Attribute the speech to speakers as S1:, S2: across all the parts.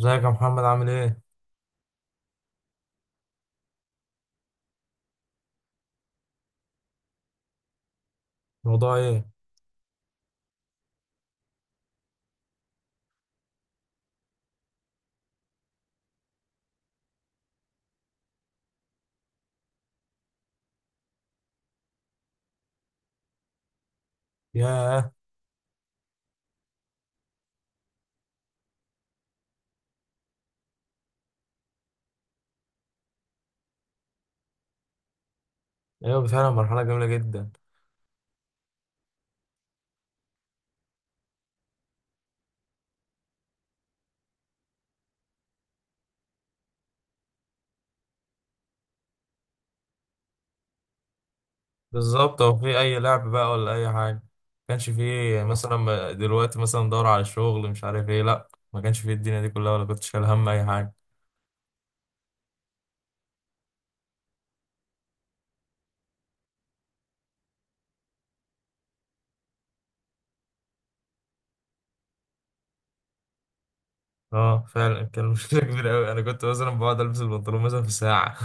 S1: ازيك يا محمد عامل ايه؟ الموضوع ايه؟ ياه. ايوه فعلا مرحلة جميلة جدا. بالظبط، هو في اي لعب بقى ولا اي حاجة. ما كانش فيه مثلا دلوقتي مثلا دور على الشغل مش عارف ايه، لا ما كانش فيه الدنيا دي كلها ولا كنت شايل هم اي حاجة. اه فعلا كان مشكلة كبيرة اوي، انا كنت مثلا بقعد البس البنطلون مثلا في ساعة.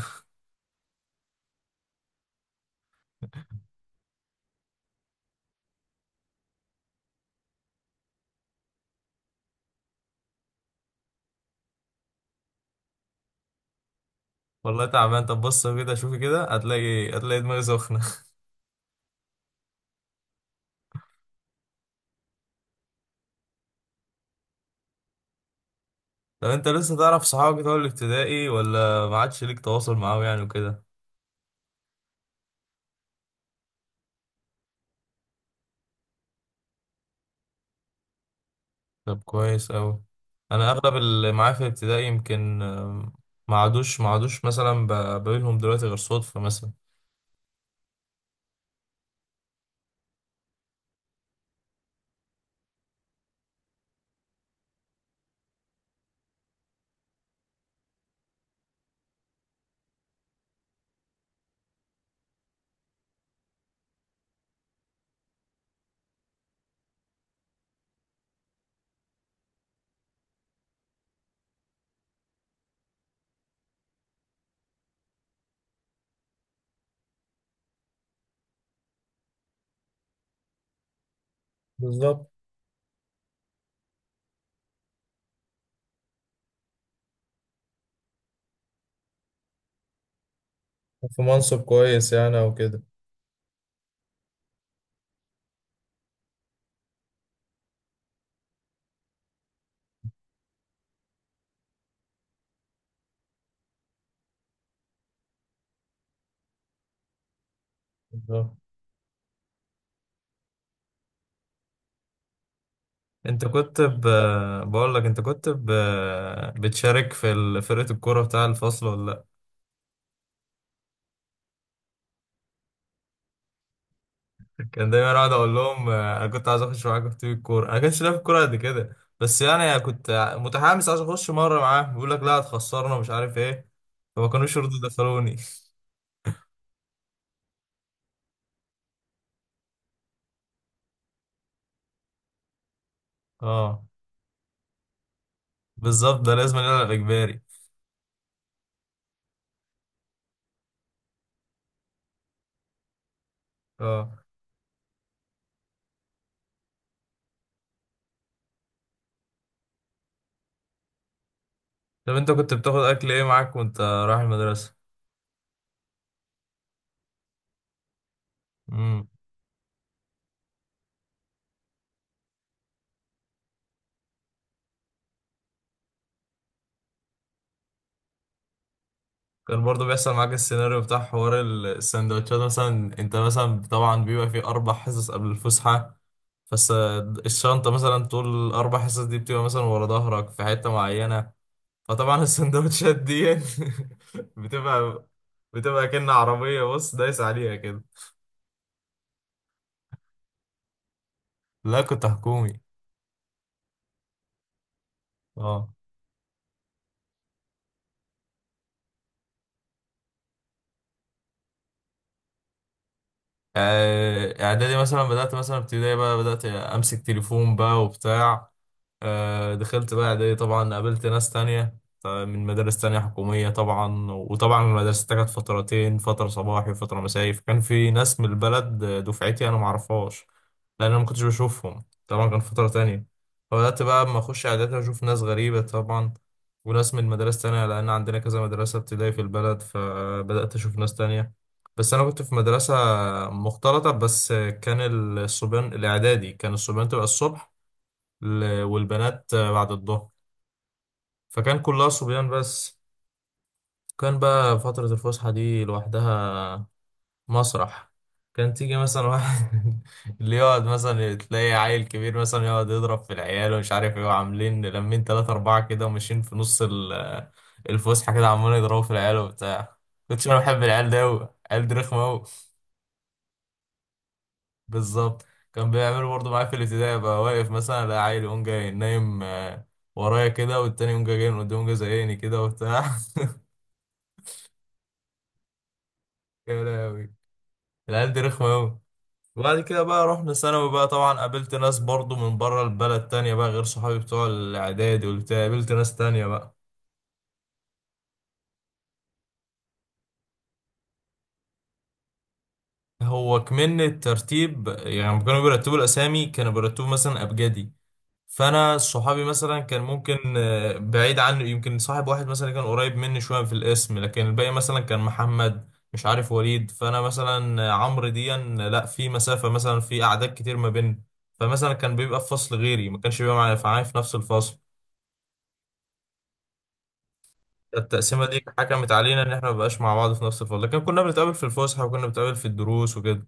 S1: والله تعبان. طب بص كده، شوفي كده هتلاقي دماغي سخنة. طب انت لسه تعرف صحابك بتوع الابتدائي ولا ما عادش ليك تواصل معاهم يعني وكده؟ طب كويس أوي. أنا أغلب اللي معايا في الابتدائي يمكن ما عادوش مثلا بقابلهم دلوقتي غير صدفة مثلا. بالظبط. في منصب كويس يعني او كده. بالظبط. أنت كنت ب... بقول لك أنت كنت بتشارك في فرقة الكورة بتاع الفصل ولا لأ؟ كان دايما أقعد أقول لهم أنا كنت عايز أخش معاكم في تيم الكورة. أنا كنتش لاعب كورة قد كده، بس يعني كنت متحمس عايز أخش مرة معاه، بيقول لك لا هتخسرنا مش عارف إيه، فما كانوش يرضوا يدخلوني. أه بالظبط، ده لازم يلعب اجباري. اه طب انت كنت بتاخد اكل ايه معاك وانت رايح المدرسه؟ امم كان برضو بيحصل معاك السيناريو بتاع حوار السندوتشات مثلا؟ انت مثلا طبعا بيبقى فيه اربع حصص قبل الفسحه. فس الشنطه مثلا طول الاربع حصص دي بتبقى مثلا ورا ظهرك في حته معينه، فطبعا السندوتشات دي بتبقى بتبقى كأن عربيه بص دايس عليها كده. لا كنت حكومي. اه. اعدادي مثلا بدأت مثلا ابتدائي بقى بدأت امسك تليفون بقى وبتاع. دخلت بقى، دي طبعا قابلت ناس تانية من مدارس تانية حكومية طبعا، وطبعا المدرسة دي كانت فترتين، فترة صباحي وفترة مسائي، فكان في ناس من البلد دفعتي أنا معرفهاش، لأن أنا ما كنتش بشوفهم طبعا، كان فترة تانية. فبدأت بقى أما أخش إعدادي أشوف ناس غريبة طبعا، وناس من مدارس تانية، لأن عندنا كذا مدرسة ابتدائي في البلد، فبدأت أشوف ناس تانية. بس أنا كنت في مدرسة مختلطة، بس كان الصبيان الإعدادي كان الصبيان تبقى الصبح والبنات بعد الظهر. فكان كلها صبيان بس. كان بقى فترة الفسحة دي لوحدها مسرح. كان تيجي مثلا واحد اللي يقعد مثلا تلاقي عيل كبير مثلا يقعد يضرب في العيال ومش عارف ايه، وعاملين لمين تلاتة أربعة كده وماشيين في نص الفسحة كده عمالين يضربوا في العيال وبتاع. كنتش أنا بحب العيال ده أوي، العيال دي رخمة أوي. بالظبط. كان بيعملوا برضه معايا في الابتدائي، بقى واقف مثلا ألاقي عيل يقوم جاي نايم ورايا كده، والتاني يقوم جاي جاي من قدام يقوم جاي زيقني كده وبتاع. يا لهوي، العيال دي رخمة أوي. وبعد كده بقى رحنا ثانوي بقى، طبعا قابلت ناس برضو من بره البلد تانية بقى غير صحابي بتوع الإعدادي والبتاع، قابلت ناس تانية بقى. هو كمان الترتيب يعني لما كانوا بيرتبوا الأسامي كانوا بيرتبوا مثلا أبجدي، فانا صحابي مثلا كان ممكن بعيد عنه، يمكن صاحب واحد مثلا كان قريب مني شويه في الاسم، لكن الباقي مثلا كان محمد مش عارف وليد، فانا مثلا عمرو ديا لا، في مسافه مثلا في اعداد كتير ما بيننا. فمثلا كان بيبقى في فصل غيري، ما كانش بيبقى معايا في نفس الفصل. التقسيمه دي حكمت علينا ان احنا ما بقاش مع بعض في نفس الفصل، لكن كنا بنتقابل في الفسحه وكنا بنتقابل في الدروس وكده.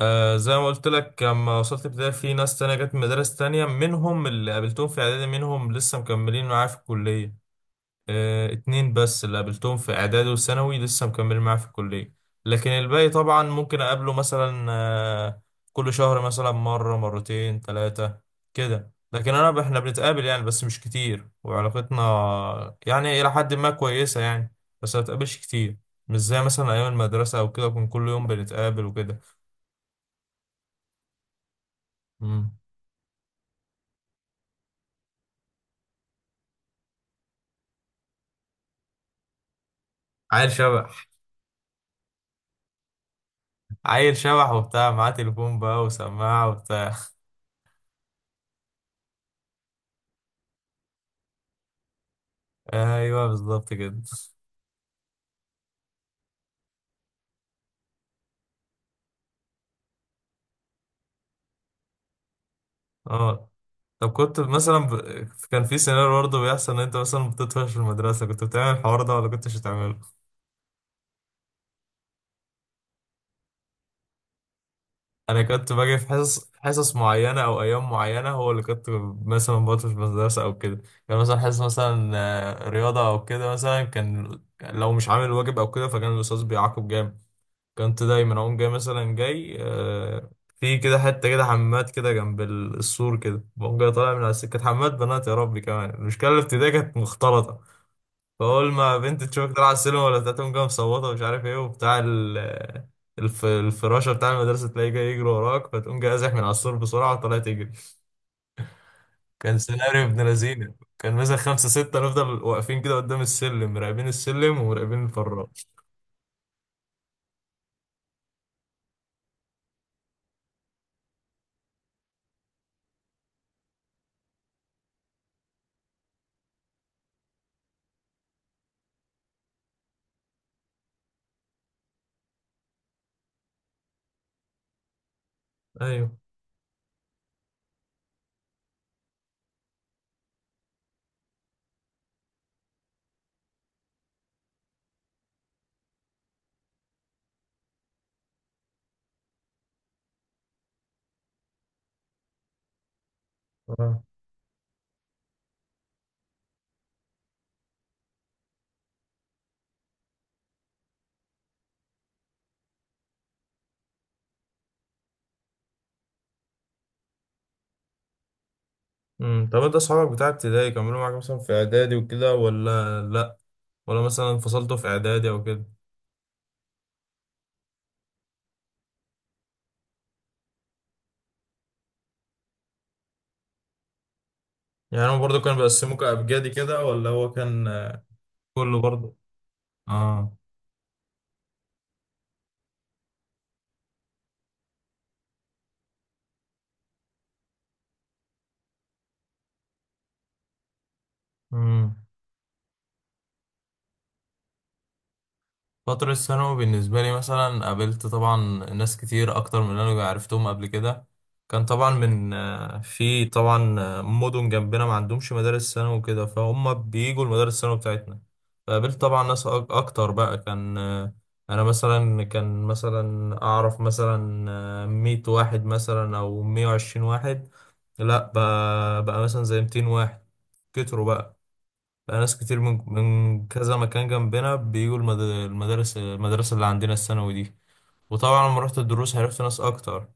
S1: آه زي ما قلت لك، لما وصلت ابتدائي في ناس تانية جت من مدارس تانية، منهم اللي قابلتهم في اعدادي، منهم لسه مكملين معايا في الكليه. اتنين بس اللي قابلتهم في اعدادي وثانوي لسه مكمل معاه في الكلية. لكن الباقي طبعا ممكن اقابله مثلا كل شهر مثلا مرة مرتين ثلاثة كده. لكن انا، احنا بنتقابل يعني بس مش كتير، وعلاقتنا يعني الى حد ما كويسة يعني، بس ما بتقابلش كتير. مش زي مثلا ايام المدرسة او كده، كنا كل يوم بنتقابل وكده. مم. عيل شبح. عيل شبح وبتاع، معاه تليفون بقى وسماعة وبتاع. ايوه بالظبط كده. اه طب كنت مثلا كان في سيناريو برضه بيحصل ان انت مثلا بتطفش في المدرسه، كنت بتعمل الحوار ده ولا كنتش بتعمله؟ انا كنت باجي في حصص حصص معينه او ايام معينه، هو اللي كنت مثلا بطفش في المدرسه او كده. كان مثلا حصص مثلا رياضه او كده، مثلا كان لو مش عامل واجب او كده فكان الاستاذ بيعاقب جامد. كنت دايما اقوم جاي مثلا جاي في كده حته كده حماد كده جنب السور كده، بقوم جاي طالع من على السكه حماد بنات. يا ربي كمان المشكله الابتدائيه كانت مختلطه، فأول ما بنت تشوفك طالعة على السلم ولا بتاع تقوم جاية مصوتة ومش عارف ايه وبتاع الفراشة بتاع المدرسة تلاقيه جاي يجري وراك، فتقوم جاي ازح من على السور بسرعة وطلع تجري. كان سيناريو ابن لذينة، كان مثلا خمسة ستة نفضل واقفين كده قدام السلم مراقبين السلم ومراقبين الفراش. أيوه. آه. طب انت اصحابك بتاع ابتدائي كملوا معاك مثلا في اعدادي وكده ولا لا؟ ولا مثلا انفصلتوا في اعدادي او كده؟ يعني هم برضه كانوا بيقسموك ابجدي كده ولا هو كان كله برضه؟ اه. امم فترة الثانوي بالنسبة لي مثلا قابلت طبعا ناس كتير أكتر من اللي أنا عرفتهم قبل كده. كان طبعا من في طبعا مدن جنبنا ما عندهمش مدارس ثانوي وكده، فهم بيجوا المدارس الثانوي بتاعتنا. فقابلت طبعا ناس أكتر بقى، كان أنا مثلا كان مثلا أعرف مثلا 100 واحد مثلا أو 120 واحد، لأ بقى, مثلا زي 200 واحد، كتروا بقى. بقى ناس كتير من كذا مكان جنبنا بيجوا المد- المدارس المدرسة اللي عندنا الثانوي دي. وطبعا لما رحت الدروس عرفت ناس أكتر.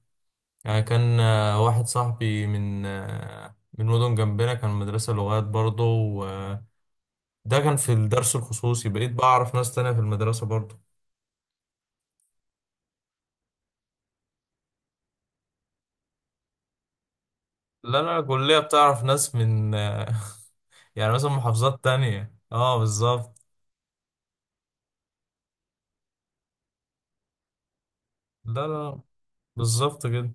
S1: يعني كان واحد صاحبي من مدن جنبنا، كان مدرسة لغات برضه، وده كان في الدرس الخصوصي، بقيت بعرف ناس تانية في المدرسة برضه. لا لا، الكلية بتعرف ناس من يعني مثلا محافظات تانية. اه بالظبط. لا لا، بالظبط كده.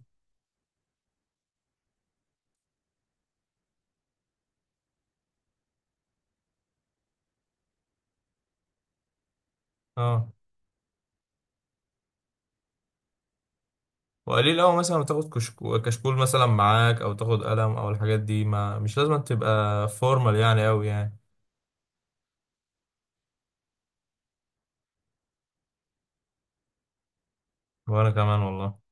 S1: اه. وقليل أوي مثلا ما تاخد كشكول مثلا معاك أو تاخد قلم أو الحاجات دي، ما مش لازم تبقى فورمال يعني أوي يعني. وأنا كمان والله.